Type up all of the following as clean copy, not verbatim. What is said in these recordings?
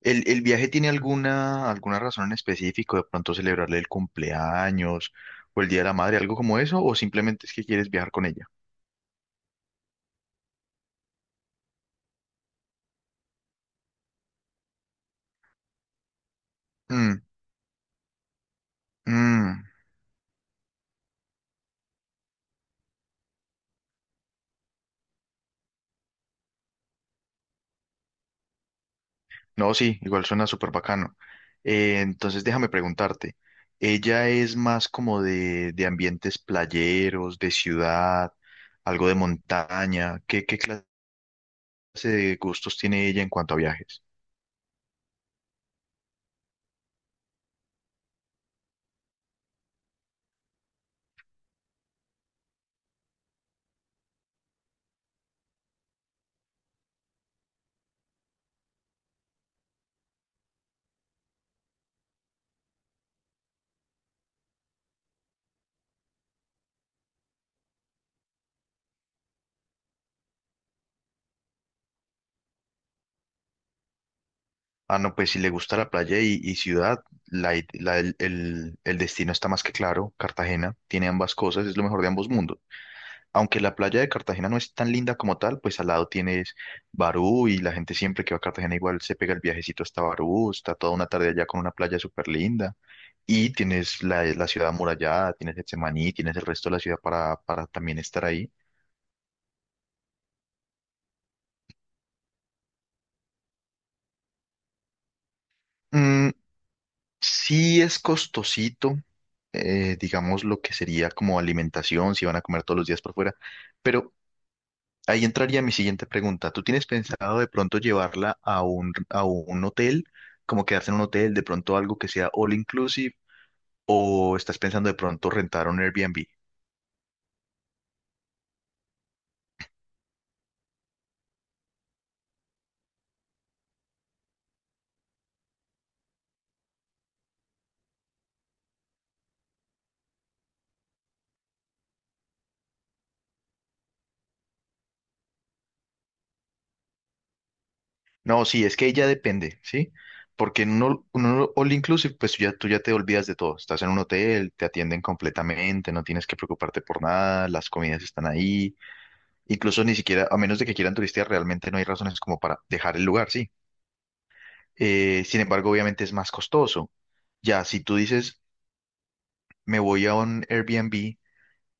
¿El viaje tiene alguna razón en específico? ¿De pronto celebrarle el cumpleaños o el Día de la Madre, algo como eso? ¿O simplemente es que quieres viajar con ella? Mm, mm. No, sí, igual suena súper bacano. Entonces déjame preguntarte, ¿ella es más como de ambientes playeros, de ciudad, algo de montaña? ¿Qué clase de gustos tiene ella en cuanto a viajes? Ah, no, pues si le gusta la playa y ciudad, la id- la- el destino está más que claro. Cartagena tiene ambas cosas, es lo mejor de ambos mundos. Aunque la playa de Cartagena no es tan linda como tal, pues al lado tienes Barú y la gente siempre que va a Cartagena igual se pega el viajecito hasta Barú, está toda una tarde allá con una playa súper linda. Y tienes la ciudad amurallada, tienes Getsemaní, tienes el resto de la ciudad para, también estar ahí. Mm. Sí es costosito, digamos, lo que sería como alimentación, si van a comer todos los días por fuera. Pero ahí entraría mi siguiente pregunta. ¿Tú tienes pensado de pronto llevarla a un, hotel, como quedarse en un hotel, de pronto algo que sea all inclusive, o estás pensando de pronto rentar un Airbnb? No, sí, es que ya depende, ¿sí? Porque en un all inclusive, pues ya, tú ya te olvidas de todo. Estás en un hotel, te atienden completamente, no tienes que preocuparte por nada, las comidas están ahí. Incluso ni siquiera, a menos de que quieran turistear, realmente no hay razones como para dejar el lugar, sí. Sin embargo, obviamente es más costoso. Ya, si tú dices, me voy a un Airbnb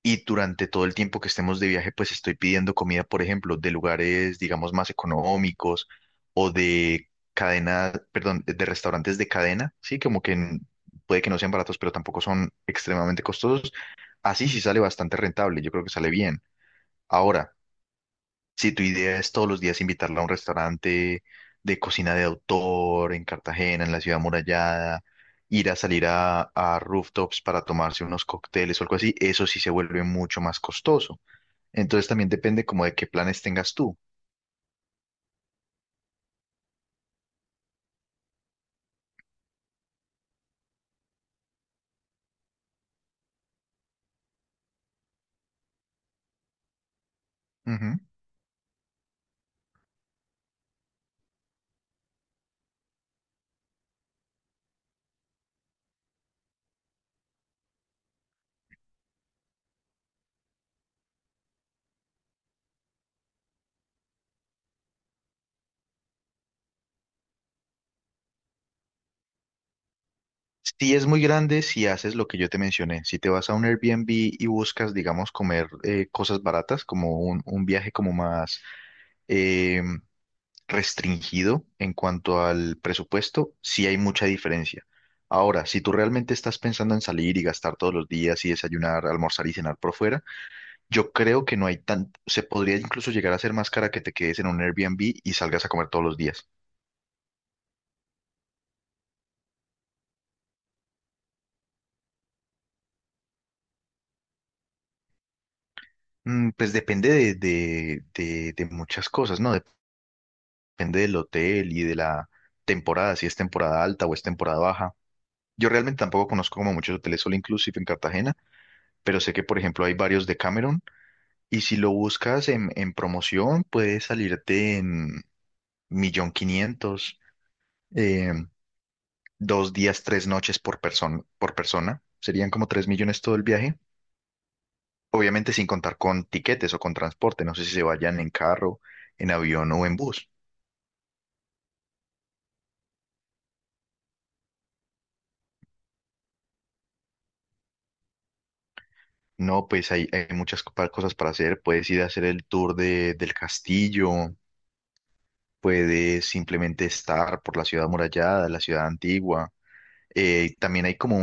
y durante todo el tiempo que estemos de viaje, pues estoy pidiendo comida, por ejemplo, de lugares, digamos, más económicos o de cadena, perdón, de restaurantes de cadena, sí, como que puede que no sean baratos, pero tampoco son extremadamente costosos. Así sí sale bastante rentable, yo creo que sale bien. Ahora, si tu idea es todos los días invitarla a un restaurante de cocina de autor en Cartagena, en la ciudad amurallada, ir a salir a rooftops para tomarse unos cócteles o algo así, eso sí se vuelve mucho más costoso. Entonces también depende como de qué planes tengas tú. Ujú. Sí es muy grande si haces lo que yo te mencioné. Si te vas a un Airbnb y buscas, digamos, comer cosas baratas, como un viaje como más em, restringido en cuanto al presupuesto, sí hay mucha diferencia. Ahora, si tú realmente estás pensando en salir y gastar todos los días y desayunar, almorzar y cenar por fuera, yo creo que no hay tan, se podría incluso llegar a ser más cara que te quedes en un Airbnb y salgas a comer todos los días. Mm. Pues depende de, de muchas cosas, ¿no? Depende del hotel y de la temporada, si es temporada alta o es temporada baja. Yo realmente tampoco conozco como muchos hoteles solo inclusive en Cartagena, pero sé que, por ejemplo, hay varios de Cameron. Y si lo buscas en, promoción, puede salirte en 1.500.000, eh, 2 días, 3 noches por persona, por persona. Serían como 3 millones todo el viaje. Obviamente sin contar con tiquetes o con transporte. No sé si se vayan en carro, en avión o en bus. No, pues hay muchas cosas para hacer. Puedes ir a hacer el tour de, del castillo. Puedes simplemente estar por la ciudad amurallada, la ciudad antigua. También hay como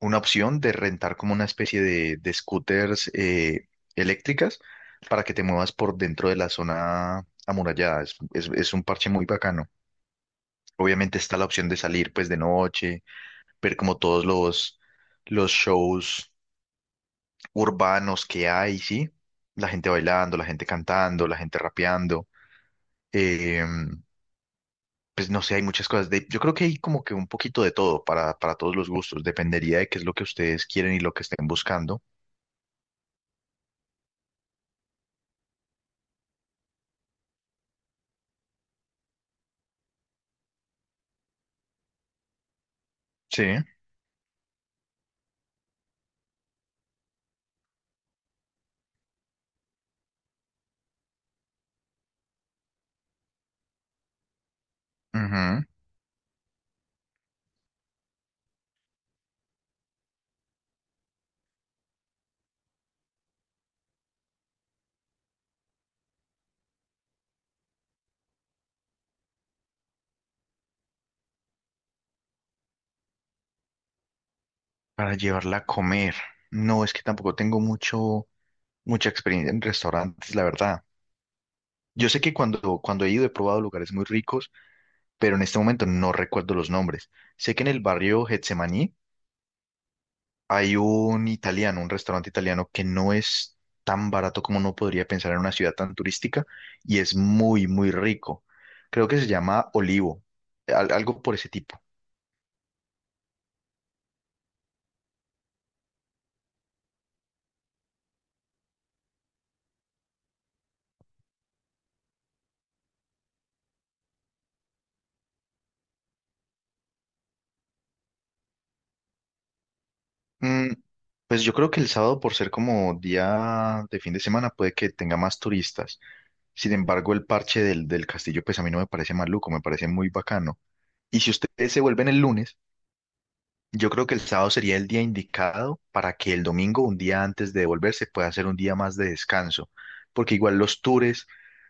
una opción de rentar como una especie de, scooters eléctricas para que te muevas por dentro de la zona amurallada. Es, es un parche muy bacano. Obviamente está la opción de salir pues de noche, ver como todos los shows urbanos que hay, ¿sí? La gente bailando, la gente cantando, la gente rapeando. eh, pues no sé, hay muchas cosas. De, yo creo que hay como que un poquito de todo para todos los gustos. Dependería de qué es lo que ustedes quieren y lo que estén buscando. Sí, ujú. Para llevarla a comer. No, es que tampoco tengo mucho, mucha experiencia en restaurantes, la verdad. Yo sé que cuando he ido he probado lugares muy ricos, pero en este momento no recuerdo los nombres. Sé que en el barrio Getsemaní hay un italiano, un restaurante italiano que no es tan barato como uno podría pensar en una ciudad tan turística y es muy, muy rico. Creo que se llama Olivo, algo por ese tipo. Mm, pues yo creo que el sábado, por ser como día de fin de semana, puede que tenga más turistas. Sin embargo, el parche del castillo, pues a mí no me parece maluco, me parece muy bacano. Y si ustedes se vuelven el lunes, yo creo que el sábado sería el día indicado para que el domingo, un día antes de devolverse, pueda ser un día más de descanso. Porque igual los tours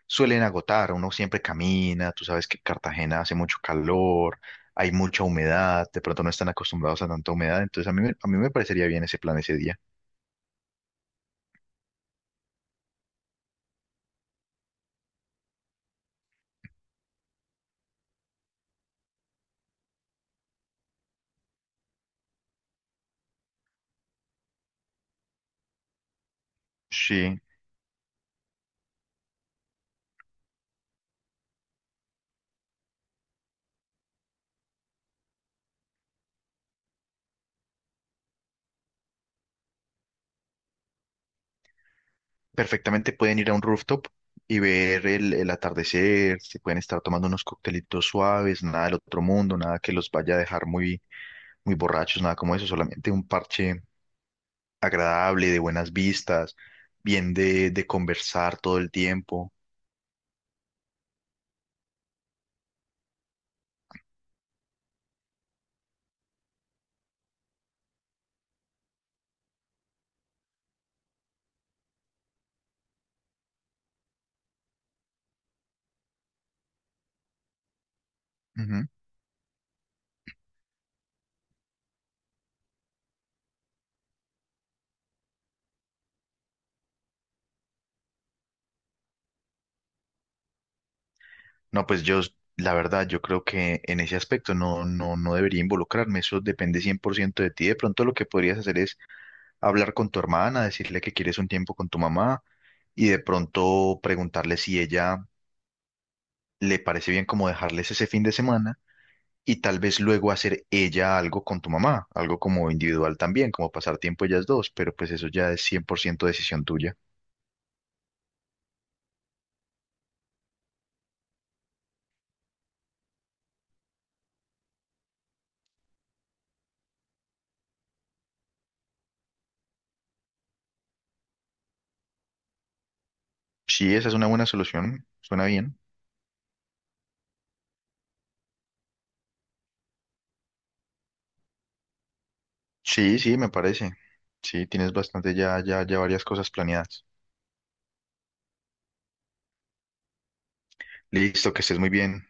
suelen agotar, uno siempre camina, tú sabes que Cartagena hace mucho calor, hay mucha humedad, de pronto no están acostumbrados a tanta humedad, entonces a mí, a mí me parecería bien ese plan ese día. Sí, perfectamente pueden ir a un rooftop y ver el atardecer, se pueden estar tomando unos coctelitos suaves, nada del otro mundo, nada que los vaya a dejar muy, muy borrachos, nada como eso, solamente un parche agradable, de buenas vistas, bien de, conversar todo el tiempo. No, pues yo, la verdad, yo creo que en ese aspecto no, no, no debería involucrarme, eso depende 100% de ti. De pronto lo que podrías hacer es hablar con tu hermana, decirle que quieres un tiempo con tu mamá y de pronto preguntarle si ella le parece bien como dejarles ese fin de semana y tal vez luego hacer ella algo con tu mamá, algo como individual también, como pasar tiempo ellas dos, pero pues eso ya es 100% decisión tuya. Sí, esa es una buena solución, suena bien. Sí, sí, me parece. Sí, tienes bastante ya, ya varias cosas planeadas. Listo, que estés muy bien.